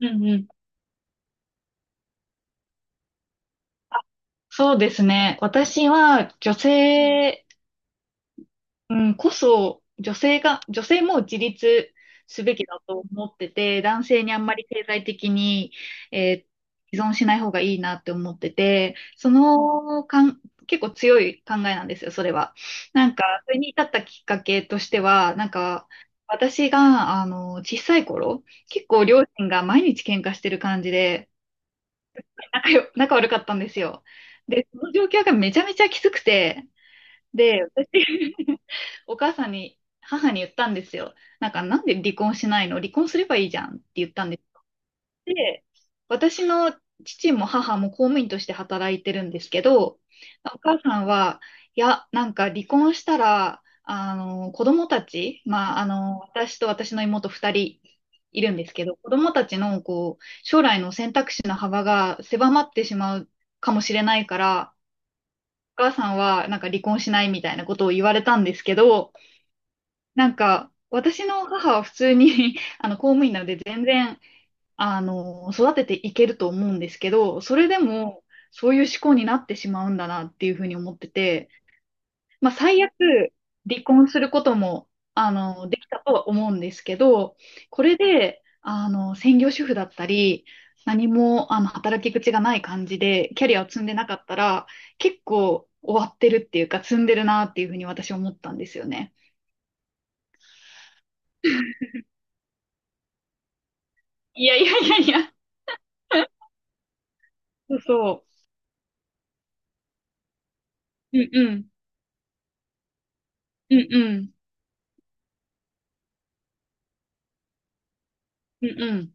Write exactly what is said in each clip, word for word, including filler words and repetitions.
うんうん。そうですね。私は女性、うん、こそ、女性が、女性も自立すべきだと思ってて、男性にあんまり経済的に、えー依存しない方がいいなって思ってて、そのかん、結構強い考えなんですよ、それは。なんか、それに至ったきっかけとしては、なんか、私が、あの、小さい頃、結構両親が毎日喧嘩してる感じで、仲よ、仲悪かったんですよ。で、その状況がめちゃめちゃきつくて、で、私 お母さんに、母に言ったんですよ。なんか、なんで離婚しないの、離婚すればいいじゃんって言ったんです。で、私の父も母も公務員として働いてるんですけど、お母さんは、いや、なんか離婚したら、あの、子供たち、まあ、あの、私と私の妹二人いるんですけど、子供たちの、こう、将来の選択肢の幅が狭まってしまうかもしれないから、お母さんは、なんか離婚しないみたいなことを言われたんですけど、なんか、私の母は普通に あの、公務員なので全然、あの、育てていけると思うんですけど、それでも、そういう思考になってしまうんだなっていうふうに思ってて、まあ、最悪、離婚することも、あの、できたとは思うんですけど、これで、あの、専業主婦だったり、何も、あの、働き口がない感じで、キャリアを積んでなかったら、結構終わってるっていうか、積んでるなっていうふうに私思ったんですよね。いやいやいやいや、そうそう。うんうん。うんうん。うんうん。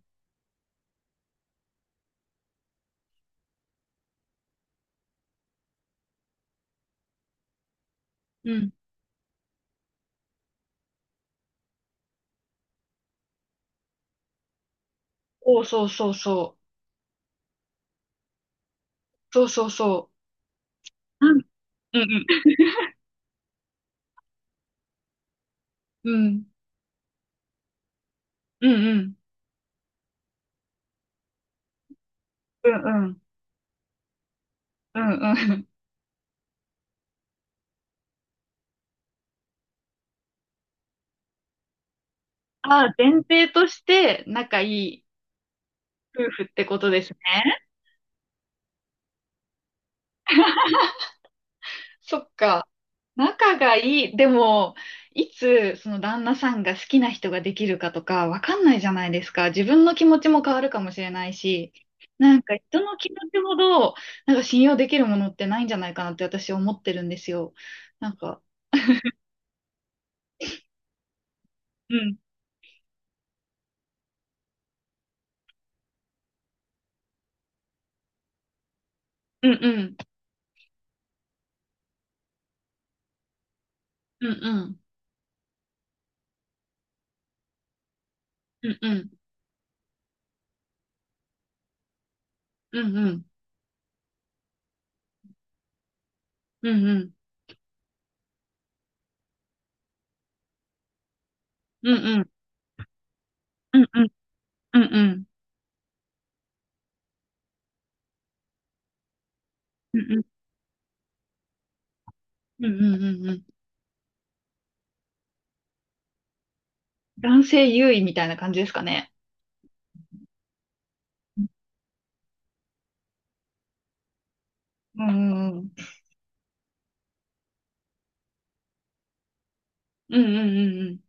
うん、お、そうそうそう。そうそうそう。なん、うんうん。うんうんうん。うんうん。うんうん。ああ、前提として仲いい夫婦ってことですね。そっか。仲がいい。でも、いつその旦那さんが好きな人ができるかとかわかんないじゃないですか。自分の気持ちも変わるかもしれないし、なんか人の気持ちほど、なんか信用できるものってないんじゃないかなって私思ってるんですよ。なんか、うん、うんうん、うんうん。うんうんうんうんうんうんうんうんうんうんうんうんうんうんうんうんうん。男性優位みたいな感じですかね。うんうんうんうん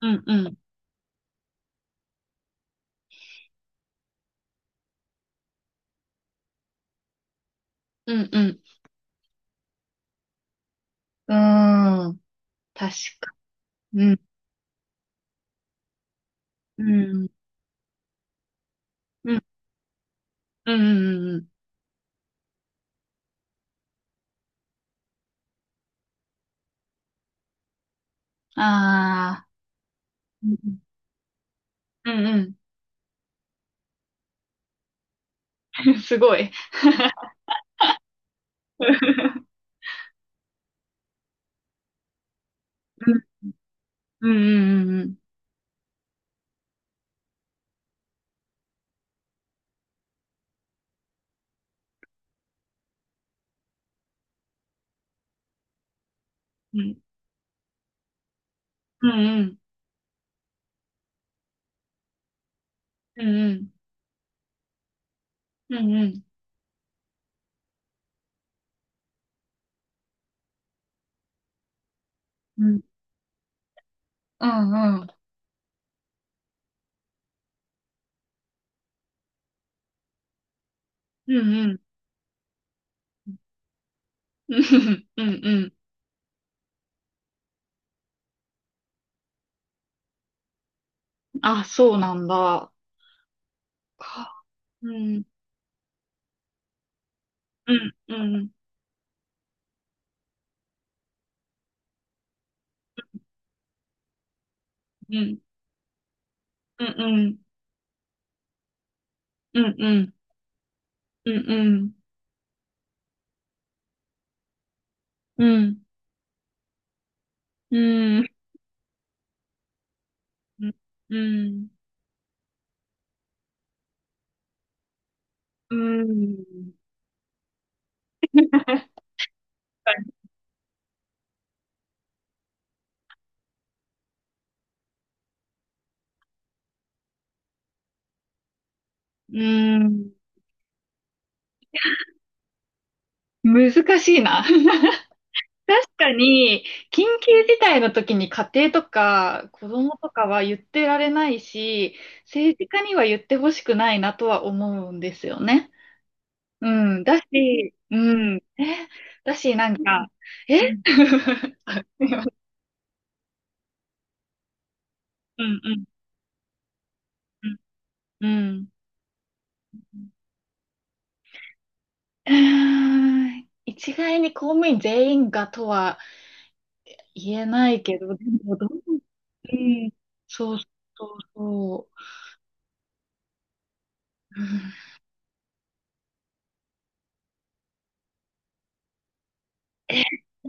うんうんうんうんうんうん。確かに。うんうんうんうんうん。うん、ああ。うんうん。すごい。うんうんうんうんうんうんうんうんうんうんうんうんうんうんうんうんうんうん。うんあ、そうなんだ。うん、うん、うん、うん、うん、うん、うん、うん、うん、うん、うん、うん、うん、うん、うん、うん。難しいな。確かに、緊急事態の時に家庭とか子供とかは言ってられないし、政治家には言ってほしくないなとは思うんですよね。うん、だし、うん、え、だし、なんか、え うんうんうん。うん。うーん一概に公務員全員がとは言えないけど、でもどう、うん、そうそうそう。うん。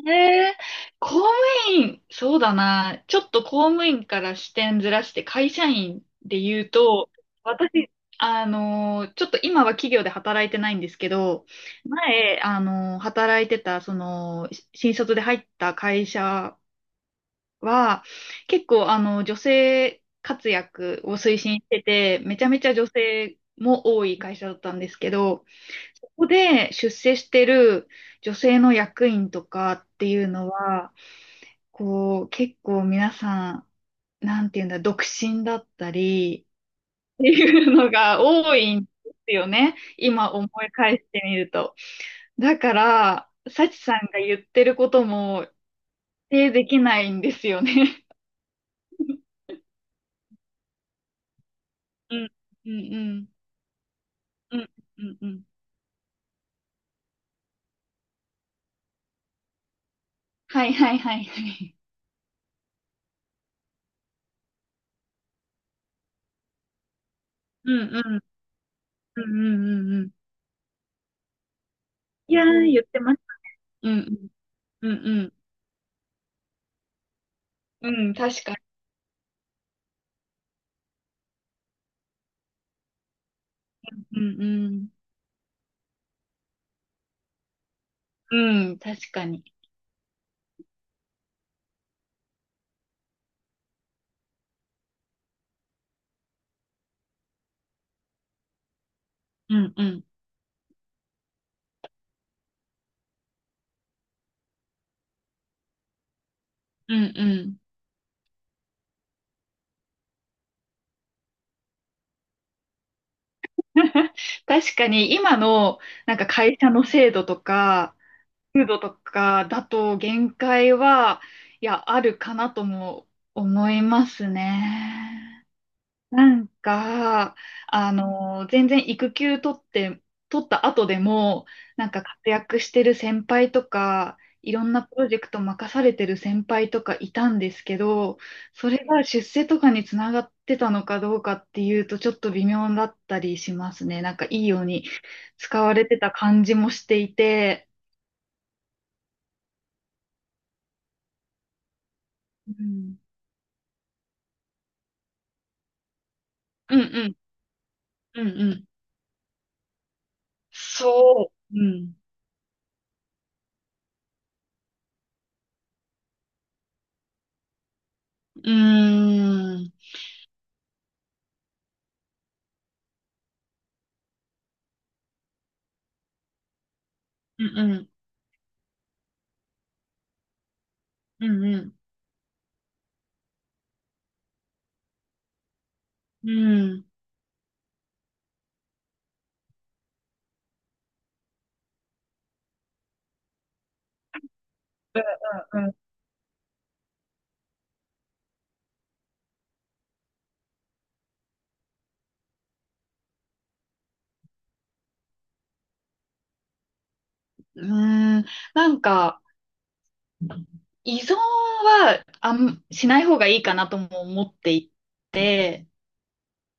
えー、公務員、そうだな。ちょっと公務員から視点ずらして会社員で言うと、私、あのーちょっと今は企業で働いてないんですけど、前、あのー働いてた、その、し新卒で入った会社は、結構、あの、女性活躍を推進してて、めちゃめちゃ女性も多い会社だったんですけど、そこで出世してる女性の役員とかっていうのは、こう、結構皆さん、なんていうんだ、独身だったり、いうのが多いんですよね。今思い返してみると。だから、サチさんが言ってることも否定できないんですよね。うん、うん、うん、うん、うん、うん。はいはいはいはい。うん、うん、うん、うん、うんうん。いやー、言ってます。うん、うん、うん、うん。うん、確かに。うん、うん。うん、確かに。うん、うん、うん、うん。確かに今のなんか会社の制度とか、風土とかだと限界は、いや、あるかなとも思いますね。なんか、あの、全然育休取って、取った後でも、なんか活躍してる先輩とか、いろんなプロジェクト任されてる先輩とかいたんですけど、それが出世とかにつながってたのかどうかっていうと、ちょっと微妙だったりしますね。なんかいいように使われてた感じもしていて、うん、うん、うん、うん、うん。そう、うん、うーん、うん、うん、うん、うん。うんうんうんうん、うーんなんか、依存はあん、しない方がいいかなとも思っていて、